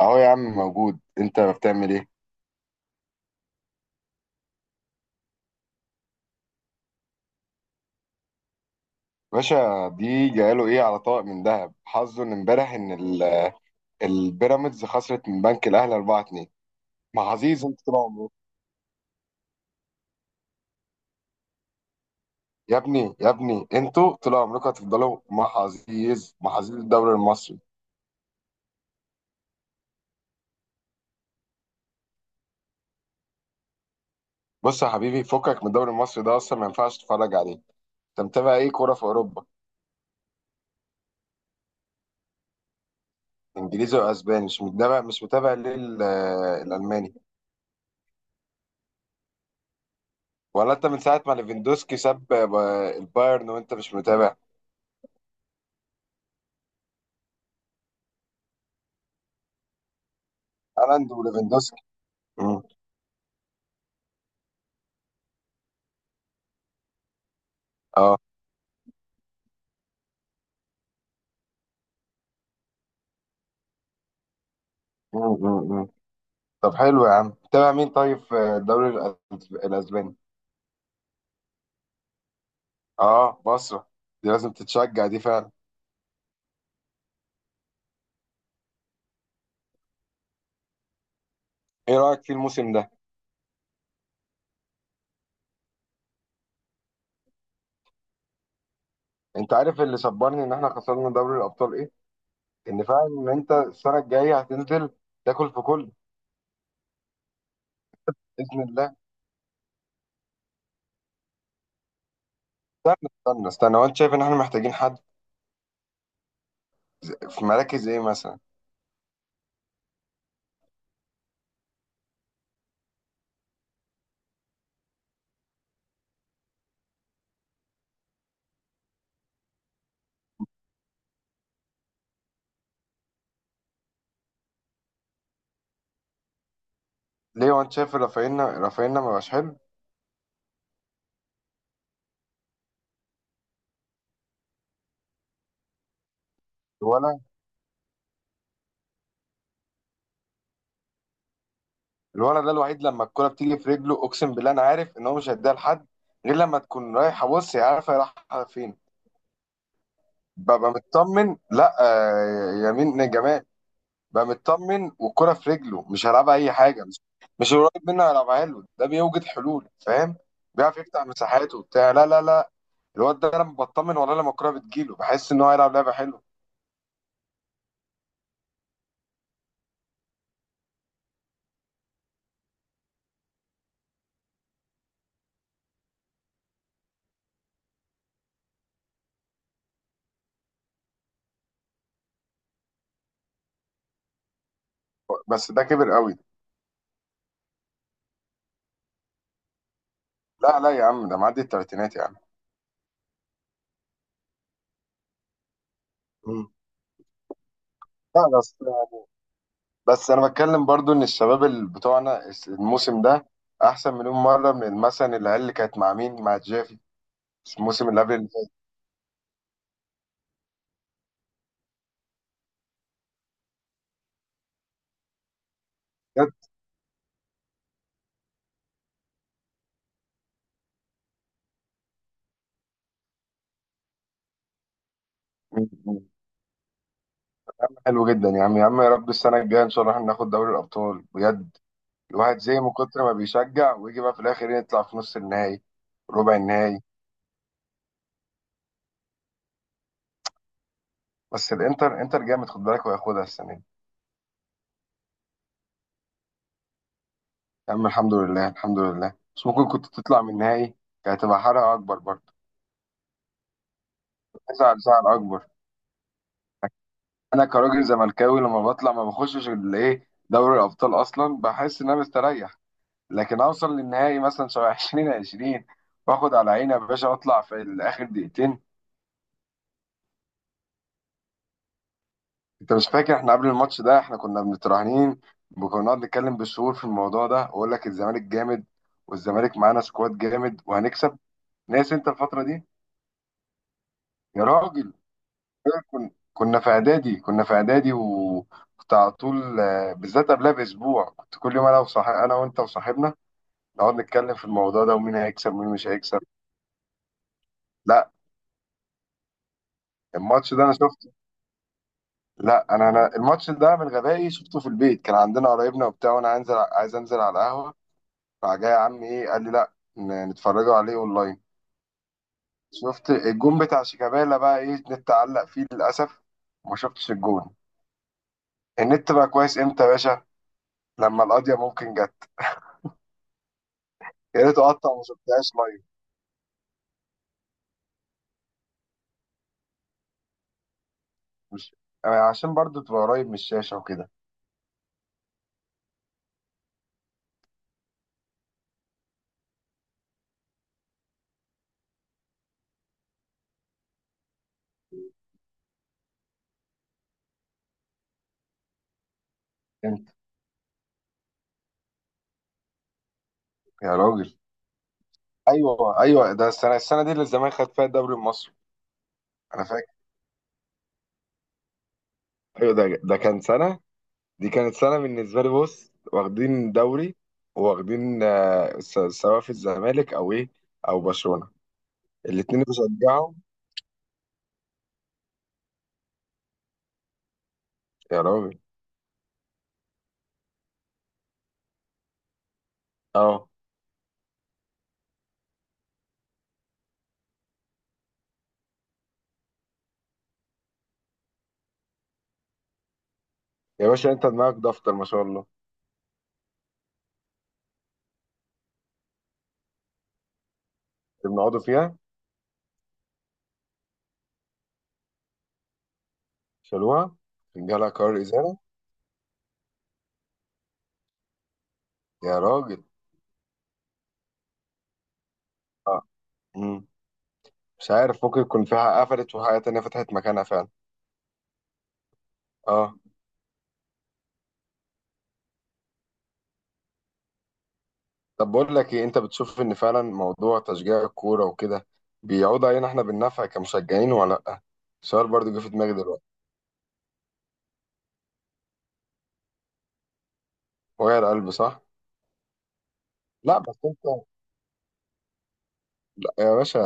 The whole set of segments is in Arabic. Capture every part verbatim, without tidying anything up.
اهو يا عم موجود، انت بتعمل ايه؟ باشا دي جاله ايه على طبق من ذهب، حظه ان امبارح ان ال- البيراميدز خسرت من بنك الاهلي أربعة اتنين. مع حزيز انتوا طول عمركم. يا ابني يا ابني، انتوا طول عمركم هتفضلوا مع حزيز، مع حزيز الدوري المصري. بص يا حبيبي، فكك من الدوري المصري ده، اصلا ما ينفعش تتفرج عليه. انت متابع ايه كوره في اوروبا؟ انجليزي واسباني. مش متابع مش متابع ليه ال- الالماني؟ ولا انت من ساعه ما ليفاندوسكي ساب البايرن وانت مش متابع؟ هالاند وليفاندوسكي. مم. اه. مم. مم. مم. طب حلو يا عم، تابع مين طيب في الدوري الأس- الأسباني؟ اه بصرة، دي لازم تتشجع دي فعلا. ايه رأيك في الموسم ده؟ انت عارف اللي صبرني ان احنا خسرنا دوري الأبطال ايه؟ ان فعلا ان انت السنة الجاية هتنزل تاكل في كل. بإذن الله. استنى استنى استنى، هو انت شايف ان احنا محتاجين حد في مراكز ايه مثلا؟ ليه، هو انت شايف رافينا رافينا ما بقاش حلو؟ ولا. الولد ده الوحيد لما الكرة بتيجي في رجله، اقسم بالله انا عارف ان هو مش هيديها لحد غير لما تكون رايحة. بص هي عارفة هي رايحة فين. ببقى مطمن، لا آه، يمين جمال. ببقى مطمن والكرة في رجله، مش هيلعبها اي حاجة. مش مش قريب منه، هيلعبها له. ده بيوجد حلول فاهم، بيعرف يفتح مساحات وبتاع. لا لا لا، الواد ده لما بطمن والله، لما الكرة بتجيله بحس ان هو هيلعب لعبة حلوة. بس ده كبر قوي. لا لا يا عم، ده معدي التلاتينات يا عم. مم. لا بس، بس انا بتكلم برضو ان الشباب اللي بتوعنا الس- الموسم ده احسن مليون مره من مثلا العيال اللي كانت مع مين، مع جافي، الموسم اللي قبل اللي فات. كانت. م- م- حلو جدا يا عم، يا عم يا رب السنه الجايه ان شاء الله احنا ناخد دوري الابطال بجد. الواحد زي من كتر ما بيشجع ويجي بقى في الاخر يطلع في نص النهائي، ربع النهائي. بس الانتر، انتر جامد خد بالك، وهياخدها السنه دي. يا عم الحمد لله الحمد لله، بس ممكن كنت تطلع من النهائي. كانت هتبقى حرقه اكبر برضه. زعل، زعل اكبر. انا كراجل زملكاوي لما بطلع ما بخشش الايه دوري الابطال اصلا، بحس ان انا مستريح. لكن اوصل للنهائي مثلا شبه عشرين عشرين، واخد على عيني يا باشا واطلع في الاخر دقيقتين. انت مش فاكر احنا قبل الماتش ده احنا كنا متراهنين، وكنا بنقعد نتكلم بالشهور في الموضوع ده، واقول لك الزمالك جامد، والزمالك معانا سكواد جامد وهنكسب. ناس انت الفتره دي. يا راجل. كن- كنا في اعدادي، كنا في اعدادي، وكنت على طول آه، بالذات قبلها باسبوع كنت كل يوم، انا وصاحب، انا وانت وصاحبنا نقعد نتكلم في الموضوع ده ومين هيكسب ومين مش هيكسب. لا الماتش ده انا شفته. لا انا انا الماتش ده من غبائي شفته في البيت. كان عندنا قرايبنا وبتاع وانا انزل، عايز انزل على القهوه، راح جاي يا عم ايه قال لي لا، ن- نتفرجوا عليه اونلاين. شفت الجون بتاع شيكابالا بقى، ايه النت علق فيه للاسف وما شفتش الجون. النت بقى كويس امتى يا باشا، لما القضيه ممكن جت. يا ريت اقطع وما شفتهاش لايف. مش، يعني عشان برضو تبقى قريب من الشاشه وكده. انت. يا راجل. ايوه ايوه، ده السنه السنه دي اللي الزمالك خد فيها الدوري المصري. انا فاكر. ايوه ده ده كان سنه، دي كانت سنه بالنسبه لي. بص واخدين دوري، وواخدين آه، س- سواء في الزمالك او ايه او برشلونه. الاثنين بشجعهم. يا راجل. اه. يا باشا انت دماغك دفتر ما شاء الله. اللي بنقعدوا فيها. شالوها؟ جالها قرار ازاله. يا راجل. اه. امم. مش عارف، ممكن يكون فيها قفلت وحاجه تانيه فتحت مكانها فعلا. اه. طب بقول لك ايه، انت بتشوف ان فعلا موضوع تشجيع الكوره وكده بيعود علينا احنا بالنفع كمشجعين ولا لا؟ السؤال برضو جه في دماغي دلوقتي. وجع القلب صح. لا بس انت، لا يا باشا،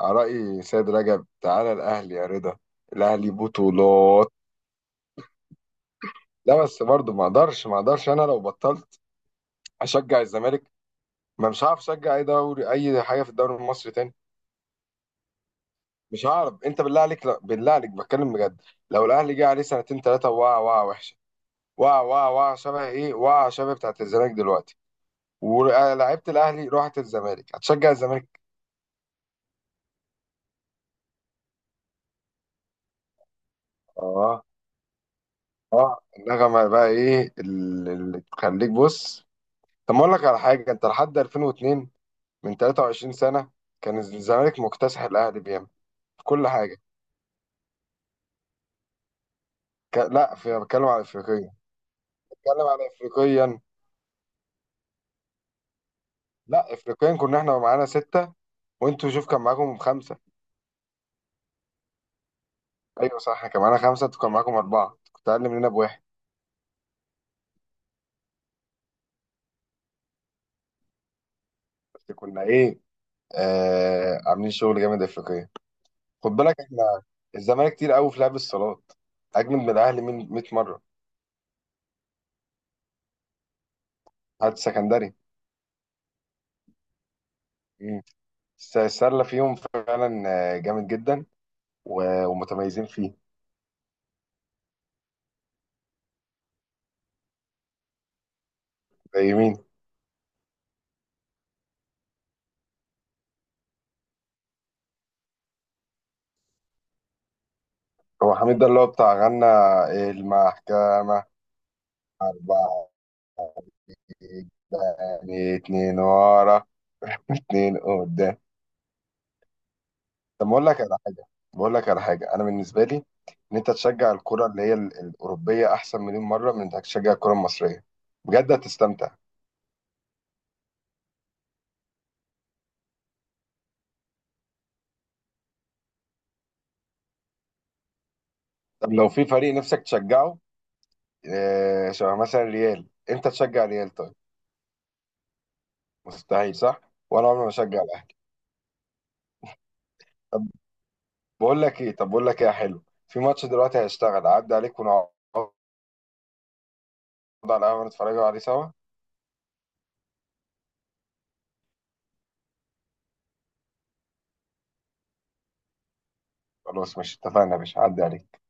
رأي سيد رجب تعالى الاهلي يا رضا. الاهلي بطولات. لا بس برضو، ما اقدرش ما اقدرش انا لو بطلت اشجع الزمالك، ما مش هعرف اشجع اي دوري اي حاجه في الدوري المصري تاني. مش هعرف، انت بالله عليك، لا بالله عليك بتكلم بجد، لو الاهلي جه عليه سنتين ثلاثه وقع وقع وحشه، وقع وقع وقع شبه ايه، وقع شبه بتاعت الزمالك دلوقتي ولعيبه الاهلي راحت الزمالك، هتشجع الزمالك. اه. اه النغمه بقى ايه ال- اللي تخليك، بص. طب ما اقول لك على حاجه، انت لحد ألفين واثنين، من تلاتة وعشرين سنه، كان الزمالك مكتسح الاهلي بيعمل في كل حاجه. ك... لا، في بتكلم على افريقيا، بتكلم على افريقيا. لا افريقيا كنا احنا معانا سته، وانتوا شوف كان معاكم خمسه. ايوه صح، كان معانا خمسه انتوا كان معاكم اربعه، كنت اقل مننا بواحد. بس كنا ايه؟ آه عاملين شغل جامد افريقيا. خد بالك احنا، الزمالك كتير قوي في لعب الصالات، اجمد من الاهلي من مية مره. هات سكندري. مم. الس- السله فيهم فعلا، آه، جامد جدا و- ومتميزين فيه. زي مين؟ هو حميد ده اللي هو بتاع غنى، إيه، المحكمه؟ اربعه قدام، اتنين ورا. اتنين قدام. طب بقول لك على حاجه، بقول لك على حاجه انا بالنسبه لي ان انت تشجع الكره اللي هي ال- الاوروبيه احسن مليون مره من انك تشجع الكره المصريه بجد، هتستمتع. طب لو في فريق نفسك تشجعه آه، شبه مثلا ريال، انت تشجع ريال طيب؟ مستحيل صح، وانا عمري ما اشجع الاهلي. طب بقول لك ايه طب بقول لك ايه يا حلو، في ماتش دلوقتي هيشتغل عدى عليك ونقعد على القهوه نتفرجوا عليه سوا. خلاص مش اتفقنا يا باشا، عدى عليك.